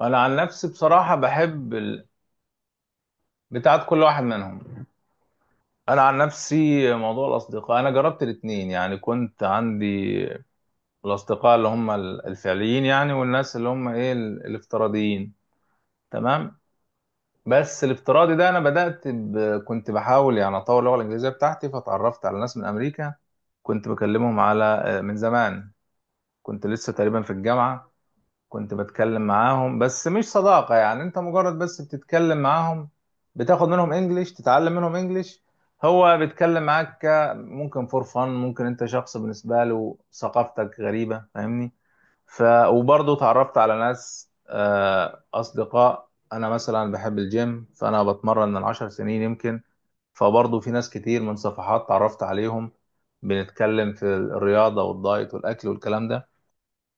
انا عن نفسي بصراحه بحب بتاعت كل واحد منهم. انا عن نفسي موضوع الاصدقاء انا جربت الاتنين، يعني كنت عندي الاصدقاء اللي هم الفعليين، يعني والناس اللي هم ايه الافتراضيين. تمام. بس الافتراضي ده انا كنت بحاول يعني اطور اللغه الانجليزيه بتاعتي، فتعرفت على ناس من امريكا. كنت بكلمهم على من زمان، كنت لسه تقريبا في الجامعه. كنت بتكلم معاهم بس مش صداقة، يعني انت مجرد بس بتتكلم معاهم، بتاخد منهم انجليش، تتعلم منهم انجليش. هو بيتكلم معاك ممكن فور فن، ممكن انت شخص بالنسبة له ثقافتك غريبة، فاهمني؟ ف وبرضه اتعرفت على ناس، اصدقاء. انا مثلا بحب الجيم، فانا بتمرن من 10 سنين يمكن، فبرضه في ناس كتير من صفحات اتعرفت عليهم، بنتكلم في الرياضة والدايت والاكل والكلام ده.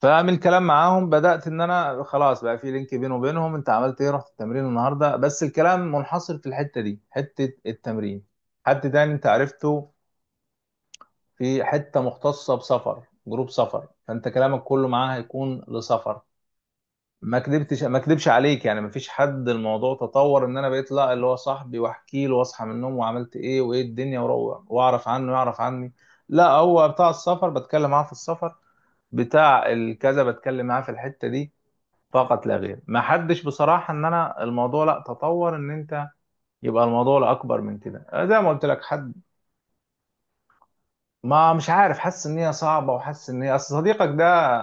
فمن الكلام معاهم بدأت ان انا خلاص بقى في لينك بيني وبينهم. انت عملت ايه؟ رحت التمرين النهارده؟ بس الكلام منحصر في الحتة دي، حتة التمرين. حد تاني انت عرفته في حتة مختصة بسفر، جروب سفر، فانت كلامك كله معاه هيكون لسفر. ما كدبش عليك، يعني ما فيش حد الموضوع تطور ان انا بقيت لا اللي هو صاحبي واحكي له واصحى من النوم وعملت ايه وايه الدنيا وروح واعرف عنه يعرف عني. لا، هو بتاع السفر بتكلم معاه في السفر، بتاع الكذا بتكلم معاه في الحتة دي فقط لا غير. ما حدش بصراحة ان انا الموضوع لا تطور ان انت يبقى الموضوع لا اكبر من كده. زي ما قلت لك، حد ما، مش عارف، حاسس ان هي صعبة، وحاسس ان هي اصل صديقك ده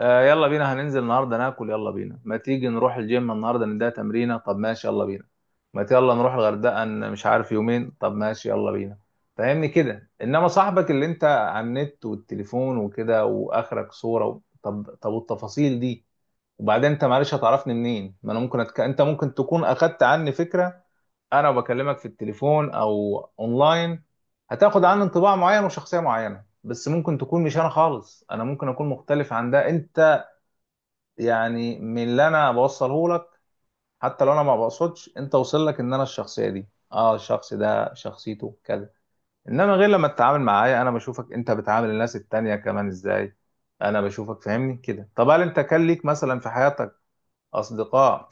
يلا بينا هننزل النهاردة ناكل، يلا بينا ما تيجي نروح الجيم النهاردة نديها تمرينة، طب ماشي يلا بينا، ما ت- يلا نروح الغردقة مش عارف يومين، طب ماشي يلا بينا. فاهمني كده؟ انما صاحبك اللي انت على النت والتليفون وكده واخرك صورة طب والتفاصيل دي. وبعدين انت معلش هتعرفني منين؟ ما انا ممكن انت ممكن تكون اخدت عني فكره. انا وبكلمك في التليفون او اونلاين هتاخد عني انطباع معين وشخصيه معينه، بس ممكن تكون مش انا خالص، انا ممكن اكون مختلف عن ده. انت يعني من اللي انا بوصله لك، حتى لو انا ما بقصدش، انت وصل لك ان انا الشخصيه دي، اه الشخص ده شخصيته كذا. انما غير لما تتعامل معايا، انا بشوفك انت بتعامل الناس التانية كمان ازاي. انا بشوفك، فاهمني كده؟ طب هل انت كان ليك مثلا في حياتك اصدقاء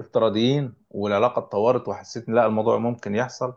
افتراضيين والعلاقه اتطورت وحسيت ان لا الموضوع ممكن يحصل؟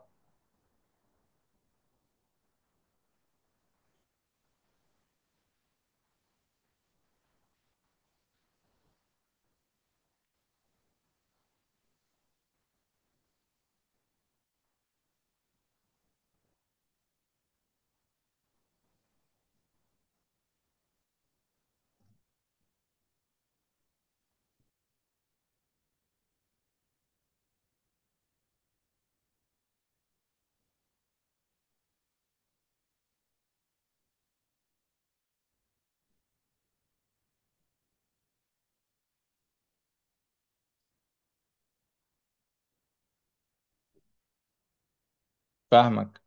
فاهمك.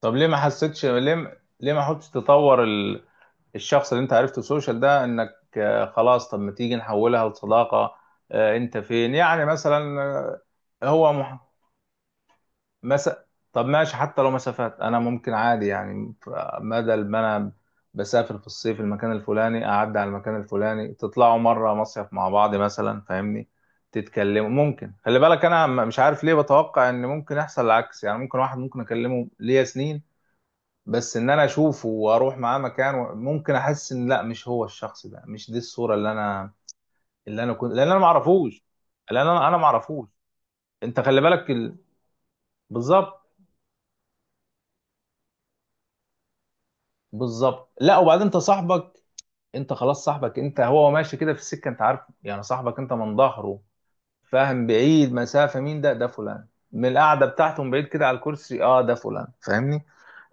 طب ليه ما حسيتش، ليه ما حاولتش تطور الشخص اللي انت عرفته سوشيال ده، انك خلاص طب ما تيجي نحولها لصداقه، انت فين يعني مثلا هو مح... مس... طب ماشي حتى لو مسافات انا ممكن عادي، يعني بدل ما انا بسافر في الصيف المكان الفلاني، اعدي على المكان الفلاني، تطلعوا مره مصيف مع بعض مثلا، فاهمني؟ تتكلموا. ممكن، خلي بالك، انا مش عارف ليه بتوقع ان ممكن يحصل العكس، يعني ممكن واحد ممكن اكلمه ليا سنين، بس ان انا اشوفه واروح معاه مكان ممكن احس ان لا مش هو، الشخص ده مش دي الصوره اللي انا، اللي انا كنت، لان انا ما اعرفوش. لان انا ما اعرفوش. انت خلي بالك بالظبط. بالظبط. لا، وبعدين انت صاحبك، انت خلاص صاحبك انت، هو ماشي كده في السكه، انت عارف يعني صاحبك انت من ظهره، فاهم؟ بعيد مسافه، مين ده؟ ده فلان. من القعده بتاعته من بعيد كده على الكرسي، اه ده فلان، فاهمني؟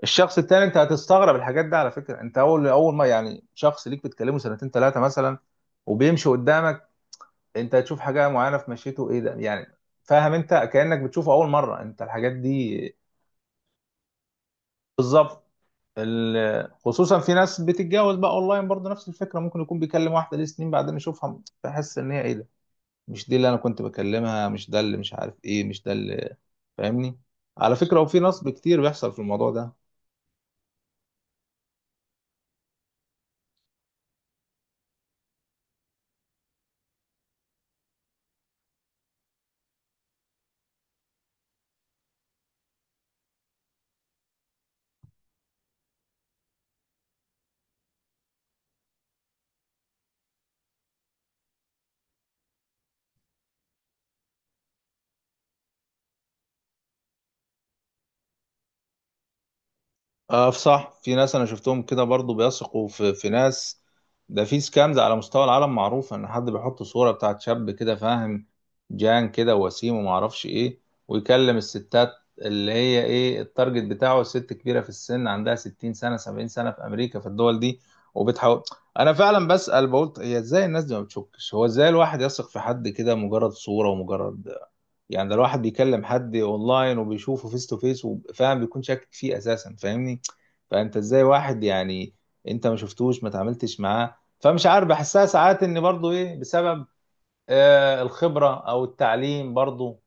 الشخص التاني انت هتستغرب الحاجات دي، على فكره. انت اول ما يعني شخص ليك بتكلمه سنتين ثلاثه مثلا وبيمشي قدامك، انت هتشوف حاجه معينه في مشيته، ايه ده يعني؟ فاهم؟ انت كانك بتشوفه اول مره، انت الحاجات دي. بالظبط. خصوصا في ناس بتتجوز بقى اونلاين، برضه نفس الفكره، ممكن يكون بيكلم واحده ليه سنين بعدين يشوفها بحس ان هي، ايه ده؟ مش دي اللي انا كنت بكلمها، مش ده اللي، مش عارف ايه، مش ده اللي، فاهمني؟ على فكره، وفي نصب كتير بيحصل في الموضوع ده. اه صح، في ناس انا شفتهم كده برضو بيثقوا في ناس. ده في سكامز على مستوى العالم معروف، ان حد بيحط صورة بتاعت شاب كده، فاهم؟ جان كده وسيم وما اعرفش ايه، ويكلم الستات، اللي هي ايه التارجت بتاعه، ست كبيرة في السن عندها 60 سنة 70 سنة، في امريكا، في الدول دي، وبتحاول. انا فعلا بسأل بقول هي ازاي الناس دي ما بتشكش؟ هو ازاي الواحد يثق في حد كده، مجرد صورة ومجرد، يعني ده الواحد بيكلم حد اونلاين وبيشوفه فيس تو فيس وفاهم بيكون شاكك فيه اساسا، فاهمني؟ فانت ازاي واحد يعني انت ما شفتوش، ما تعاملتش معاه، فمش عارف، بحسها ساعات ان برضو ايه، بسبب آه الخبرة او التعليم برضو،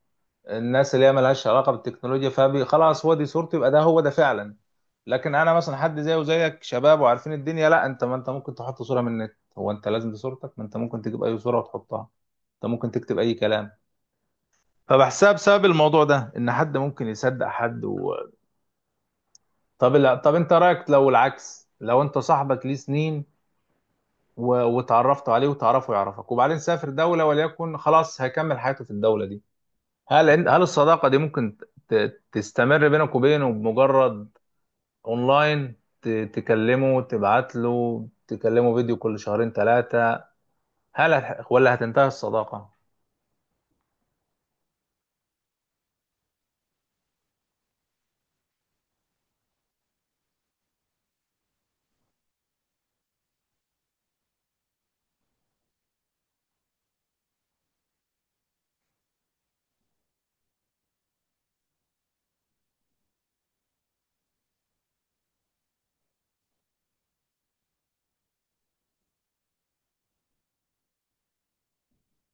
الناس اللي هي ملهاش علاقة بالتكنولوجيا، فبي خلاص هو دي صورته يبقى ده هو ده فعلا. لكن انا مثلا حد زيه وزيك، شباب وعارفين الدنيا، لا، انت ما انت ممكن تحط صورة من النت، هو انت لازم دي صورتك؟ ما انت ممكن تجيب اي صورة وتحطها، انت ممكن تكتب اي كلام. فبحسها بسبب الموضوع ده ان حد ممكن يصدق حد طب لا، طب انت رايك لو العكس، لو انت صاحبك ليه سنين وتعرفت عليه وتعرفه يعرفك، وبعدين سافر دوله وليكن، خلاص هيكمل حياته في الدوله دي، هل الصداقه دي ممكن ت... تستمر بينك وبينه بمجرد اونلاين، تكلمه تبعت له تكلمه فيديو كل شهرين ثلاثه؟ هل ولا هتنتهي الصداقه؟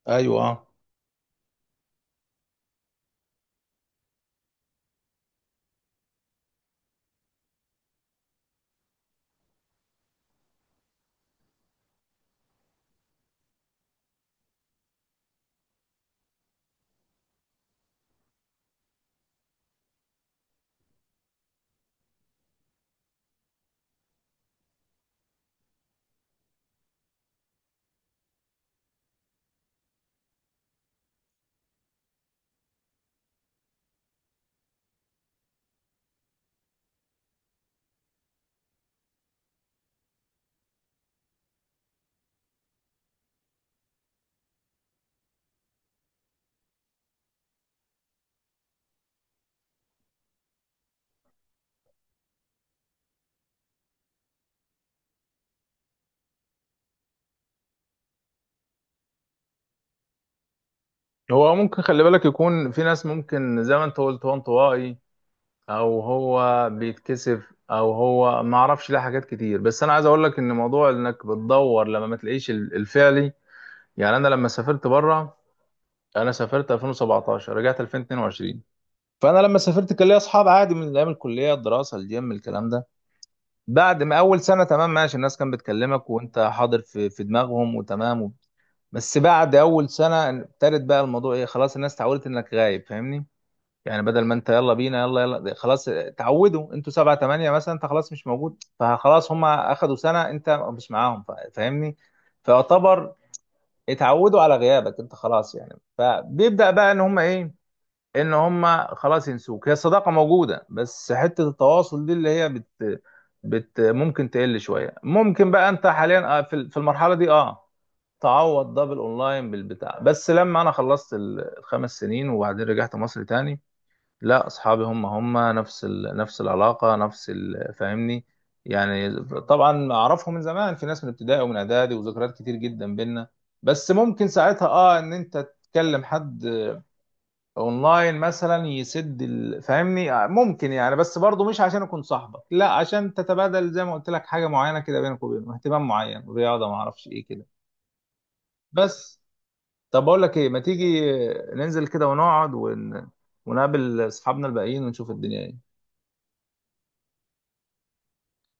ايوه. هو ممكن، خلي بالك، يكون في ناس ممكن زي ما انت قلت وانطوائي، او هو بيتكسف، او هو ما اعرفش ليه، حاجات كتير. بس انا عايز اقول لك ان موضوع انك بتدور لما ما تلاقيش الفعلي، يعني انا لما سافرت بره، انا سافرت 2017 رجعت 2022. فانا لما سافرت كان ليا اصحاب عادي من ايام الكليه، الدراسه، الجيم، الكلام ده. بعد ما اول سنه تمام ماشي، الناس كانت بتكلمك وانت حاضر في دماغهم وتمام بس بعد اول سنه ابتدت بقى الموضوع ايه، خلاص الناس اتعودت انك غايب، فاهمني؟ يعني بدل ما انت يلا بينا يلا يلا، ده خلاص تعودوا. انتوا سبعة تمانية مثلا، انت خلاص مش موجود، فخلاص هم اخدوا سنة انت مش معاهم، فاهمني؟ فيعتبر اتعودوا على غيابك، انت خلاص يعني. فبيبدأ بقى ان هم ايه، ان هم خلاص ينسوك. هي الصداقة موجودة بس حتة التواصل دي اللي هي بت ممكن تقل شوية. ممكن بقى انت حاليا اه، في في المرحلة دي اه تعوض ده بالاونلاين بالبتاع. بس لما انا خلصت الخمس سنين وبعدين رجعت مصر تاني، لا، اصحابي هم نفس نفس العلاقه نفس فاهمني؟ يعني طبعا اعرفهم من زمان، في ناس من ابتدائي ومن اعدادي وذكريات كتير جدا بينا. بس ممكن ساعتها اه ان انت تكلم حد اونلاين مثلا يسد فاهمني؟ آه، ممكن يعني، بس برضه مش عشان اكون صاحبك، لا، عشان تتبادل زي ما قلت لك حاجه معينه كده بينك وبينه، اهتمام معين، رياضه، ما اعرفش ايه كده. بس طب، بقول لك ايه، ما تيجي ننزل كده ونقعد ونقابل اصحابنا الباقيين ونشوف الدنيا ايه؟